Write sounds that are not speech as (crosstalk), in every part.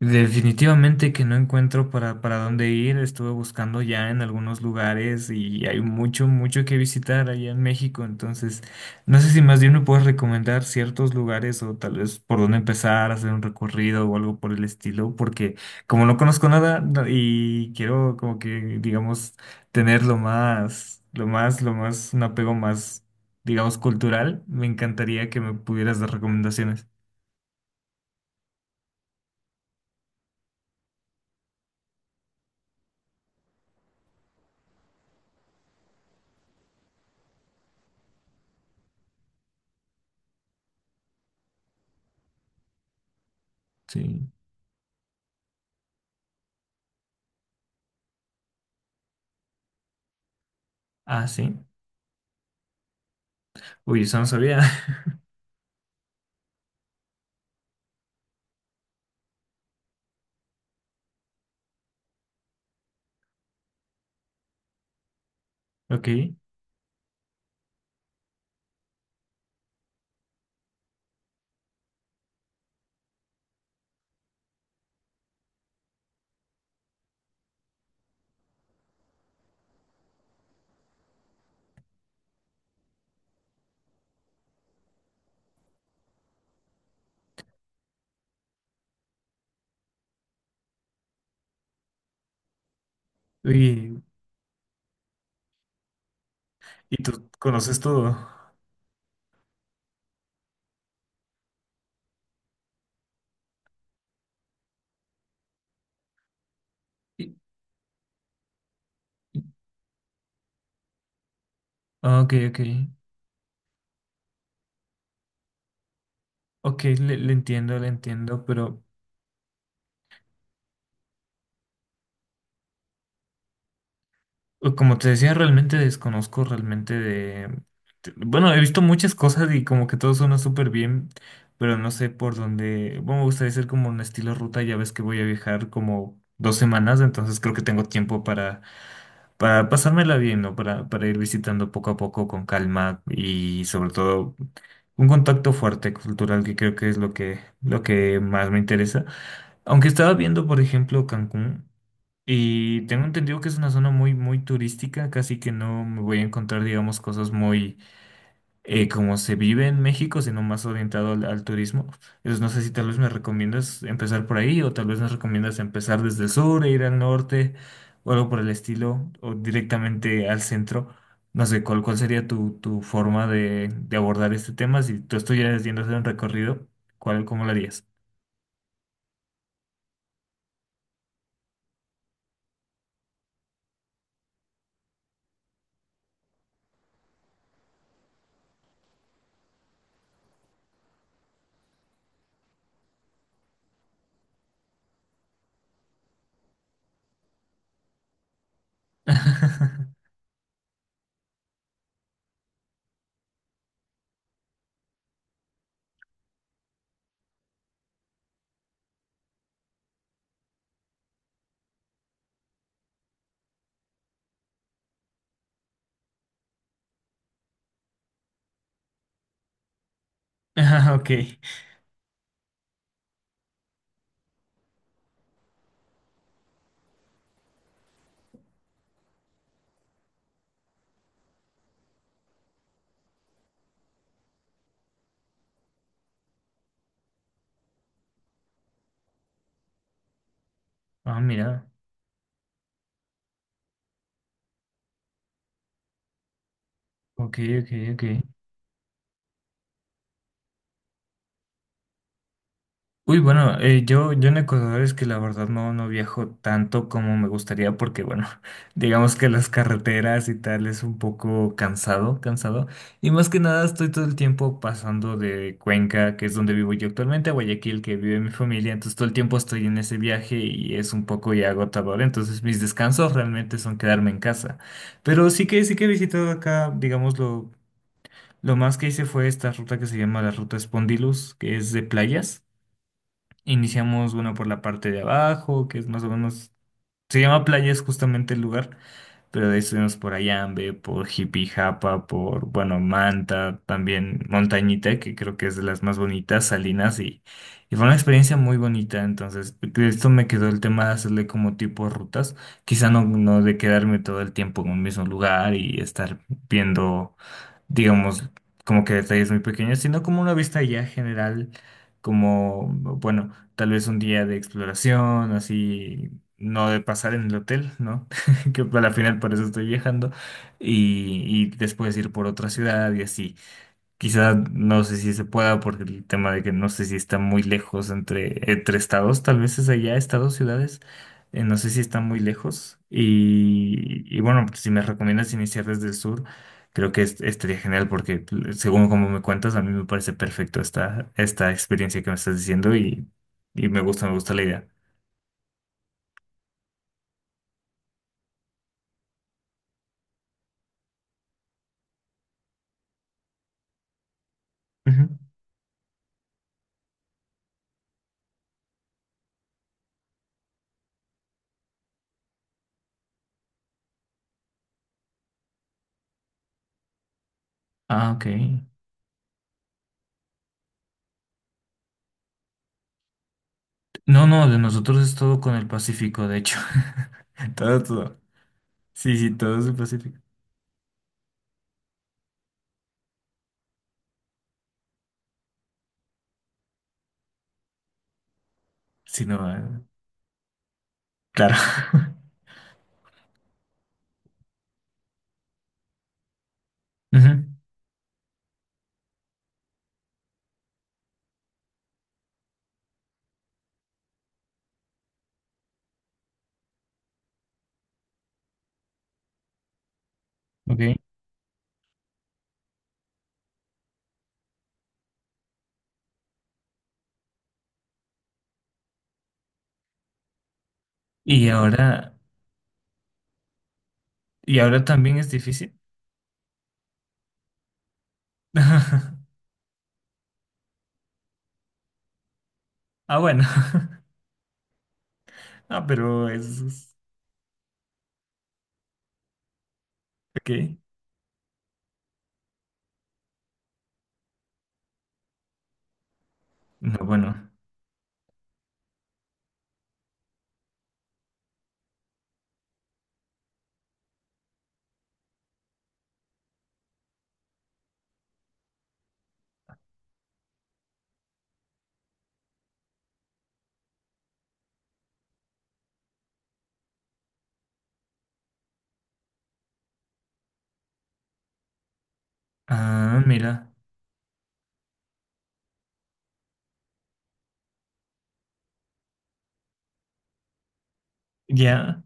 Definitivamente que no encuentro para dónde ir. Estuve buscando ya en algunos lugares y hay mucho que visitar allá en México. Entonces, no sé si más bien me puedes recomendar ciertos lugares o tal vez por dónde empezar, hacer un recorrido o algo por el estilo, porque como no conozco nada y quiero como que, digamos, tener lo más, un apego más, digamos, cultural, me encantaría que me pudieras dar recomendaciones. Sí. Ah, sí. Uy, eso no sabía. (laughs) Ok. Y, y tú conoces todo. Y- y- ok. Ok, le entiendo, le entiendo, pero como te decía, realmente desconozco realmente de... Bueno, he visto muchas cosas y como que todo suena súper bien, pero no sé por dónde... Bueno, me gustaría hacer como un estilo ruta, ya ves que voy a viajar como 2 semanas, entonces creo que tengo tiempo para pasármela bien, ¿no? Para ir visitando poco a poco con calma y sobre todo un contacto fuerte cultural que creo que es lo que más me interesa. Aunque estaba viendo, por ejemplo, Cancún y tengo entendido que es una zona muy turística, casi que no me voy a encontrar, digamos, cosas muy como se vive en México, sino más orientado al turismo. Entonces, no sé si tal vez me recomiendas empezar por ahí o tal vez me recomiendas empezar desde el sur e ir al norte o algo por el estilo o directamente al centro. No sé, ¿cuál sería tu forma de abordar este tema? Si tú estuvieras yendo a hacer un recorrido, ¿cuál, cómo lo harías? (laughs) Ah, ok. Ah, mira. Ok, ok, ok. Uy, bueno, eh, yo en Ecuador es que la verdad no viajo tanto como me gustaría porque, bueno, (laughs) digamos que las carreteras y tal es un poco cansado. Y más que nada estoy todo el tiempo pasando de Cuenca, que es donde vivo yo actualmente, a Guayaquil, que vive mi familia. Entonces todo el tiempo estoy en ese viaje y es un poco ya agotador. Entonces mis descansos realmente son quedarme en casa. Pero sí que he visitado acá, digamos, lo más que hice fue esta ruta que se llama la Ruta Spondylus, que es de playas. Iniciamos, bueno, por la parte de abajo, que es más o menos, se llama Playa, es justamente el lugar, pero de ahí estuvimos por Ayambe, por Jipijapa, por, bueno, Manta, también Montañita, que creo que es de las más bonitas, Salinas, y fue una experiencia muy bonita, entonces, de esto me quedó el tema de hacerle como tipo rutas, quizá no de quedarme todo el tiempo en un mismo lugar y estar viendo digamos, como que detalles muy pequeños, sino como una vista ya general, como, bueno, tal vez un día de exploración, así, no de pasar en el hotel, ¿no? (laughs) Que al final por eso estoy viajando, y, y después ir por otra ciudad y así. Quizá no sé si se pueda porque el tema de que no sé si está muy lejos entre estados, tal vez es allá, estados, ciudades, no sé si está muy lejos. Y bueno, pues, si me recomiendas iniciar desde el sur, creo que estaría genial porque según como me cuentas, a mí me parece perfecto esta, esta experiencia que me estás diciendo y me gusta la idea. Ujú. Ah, ok. No, no, de nosotros es todo con el Pacífico, de hecho. (laughs) Todo, todo. Sí, sí, todo es el Pacífico. Sí, no. Claro. (laughs) Ujú. Ok. Y ahora, y ahora también es difícil. (laughs) Ah, bueno. (laughs) Ah, pero es. Ok. No, bueno. Ah, mira. Ya.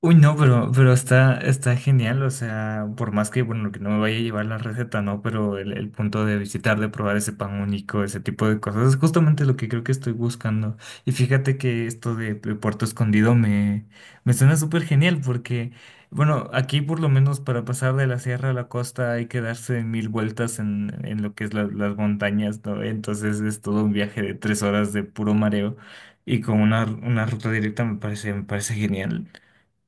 Uy, no, pero está, está genial, o sea, por más que, bueno, que no me vaya a llevar la receta, ¿no? Pero el punto de visitar, de probar ese pan único, ese tipo de cosas, es justamente lo que creo que estoy buscando. Y fíjate que esto de Puerto Escondido me, me suena súper genial porque, bueno, aquí por lo menos para pasar de la sierra a la costa hay que darse mil vueltas en lo que es las montañas, ¿no? Entonces es todo un viaje de 3 horas de puro mareo. Y con una ruta directa me parece genial.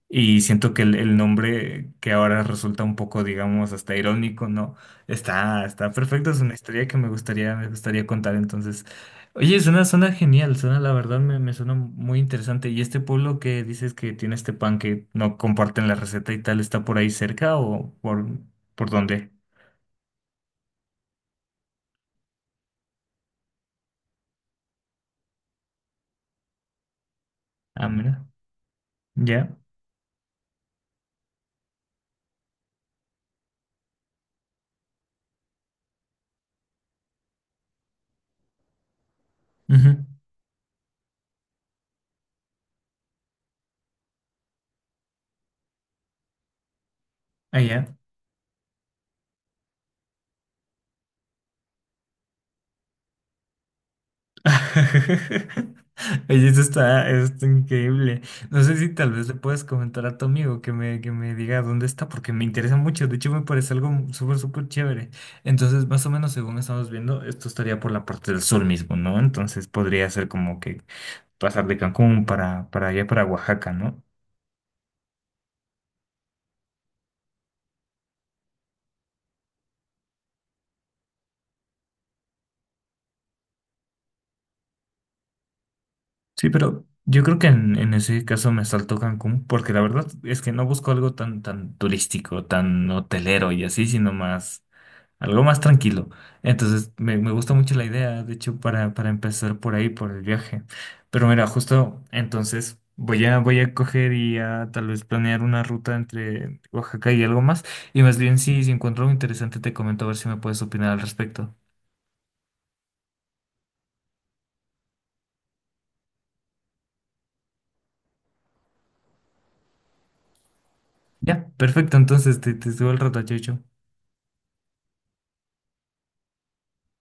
Y siento que el nombre que ahora resulta un poco, digamos, hasta irónico, ¿no? Está, está perfecto, es una historia que me gustaría contar. Entonces, oye, suena, suena genial, suena, la verdad, me suena muy interesante. ¿Y este pueblo que dices que tiene este pan que no comparten la receta y tal, está por ahí cerca o por dónde? Ah, mira, ya, ujú. Allá. (laughs) Oye, eso está, está increíble. No sé si tal vez le puedes comentar a tu amigo que me diga dónde está, porque me interesa mucho. De hecho, me parece algo súper, súper chévere. Entonces, más o menos, según estamos viendo, esto estaría por la parte del sur mismo, ¿no? Entonces, podría ser como que pasar de Cancún para allá, para Oaxaca, ¿no? Sí, pero yo creo que en ese caso me saltó Cancún, porque la verdad es que no busco algo tan, tan turístico, tan hotelero y así, sino más. Algo más tranquilo. Entonces, me gusta mucho la idea, de hecho, para empezar por ahí, por el viaje. Pero mira, justo entonces voy a, voy a coger y a tal vez planear una ruta entre Oaxaca y algo más. Y más bien, si, si encuentro algo interesante, te comento a ver si me puedes opinar al respecto. Ya, perfecto. Entonces, te subo el rato, chau, chau.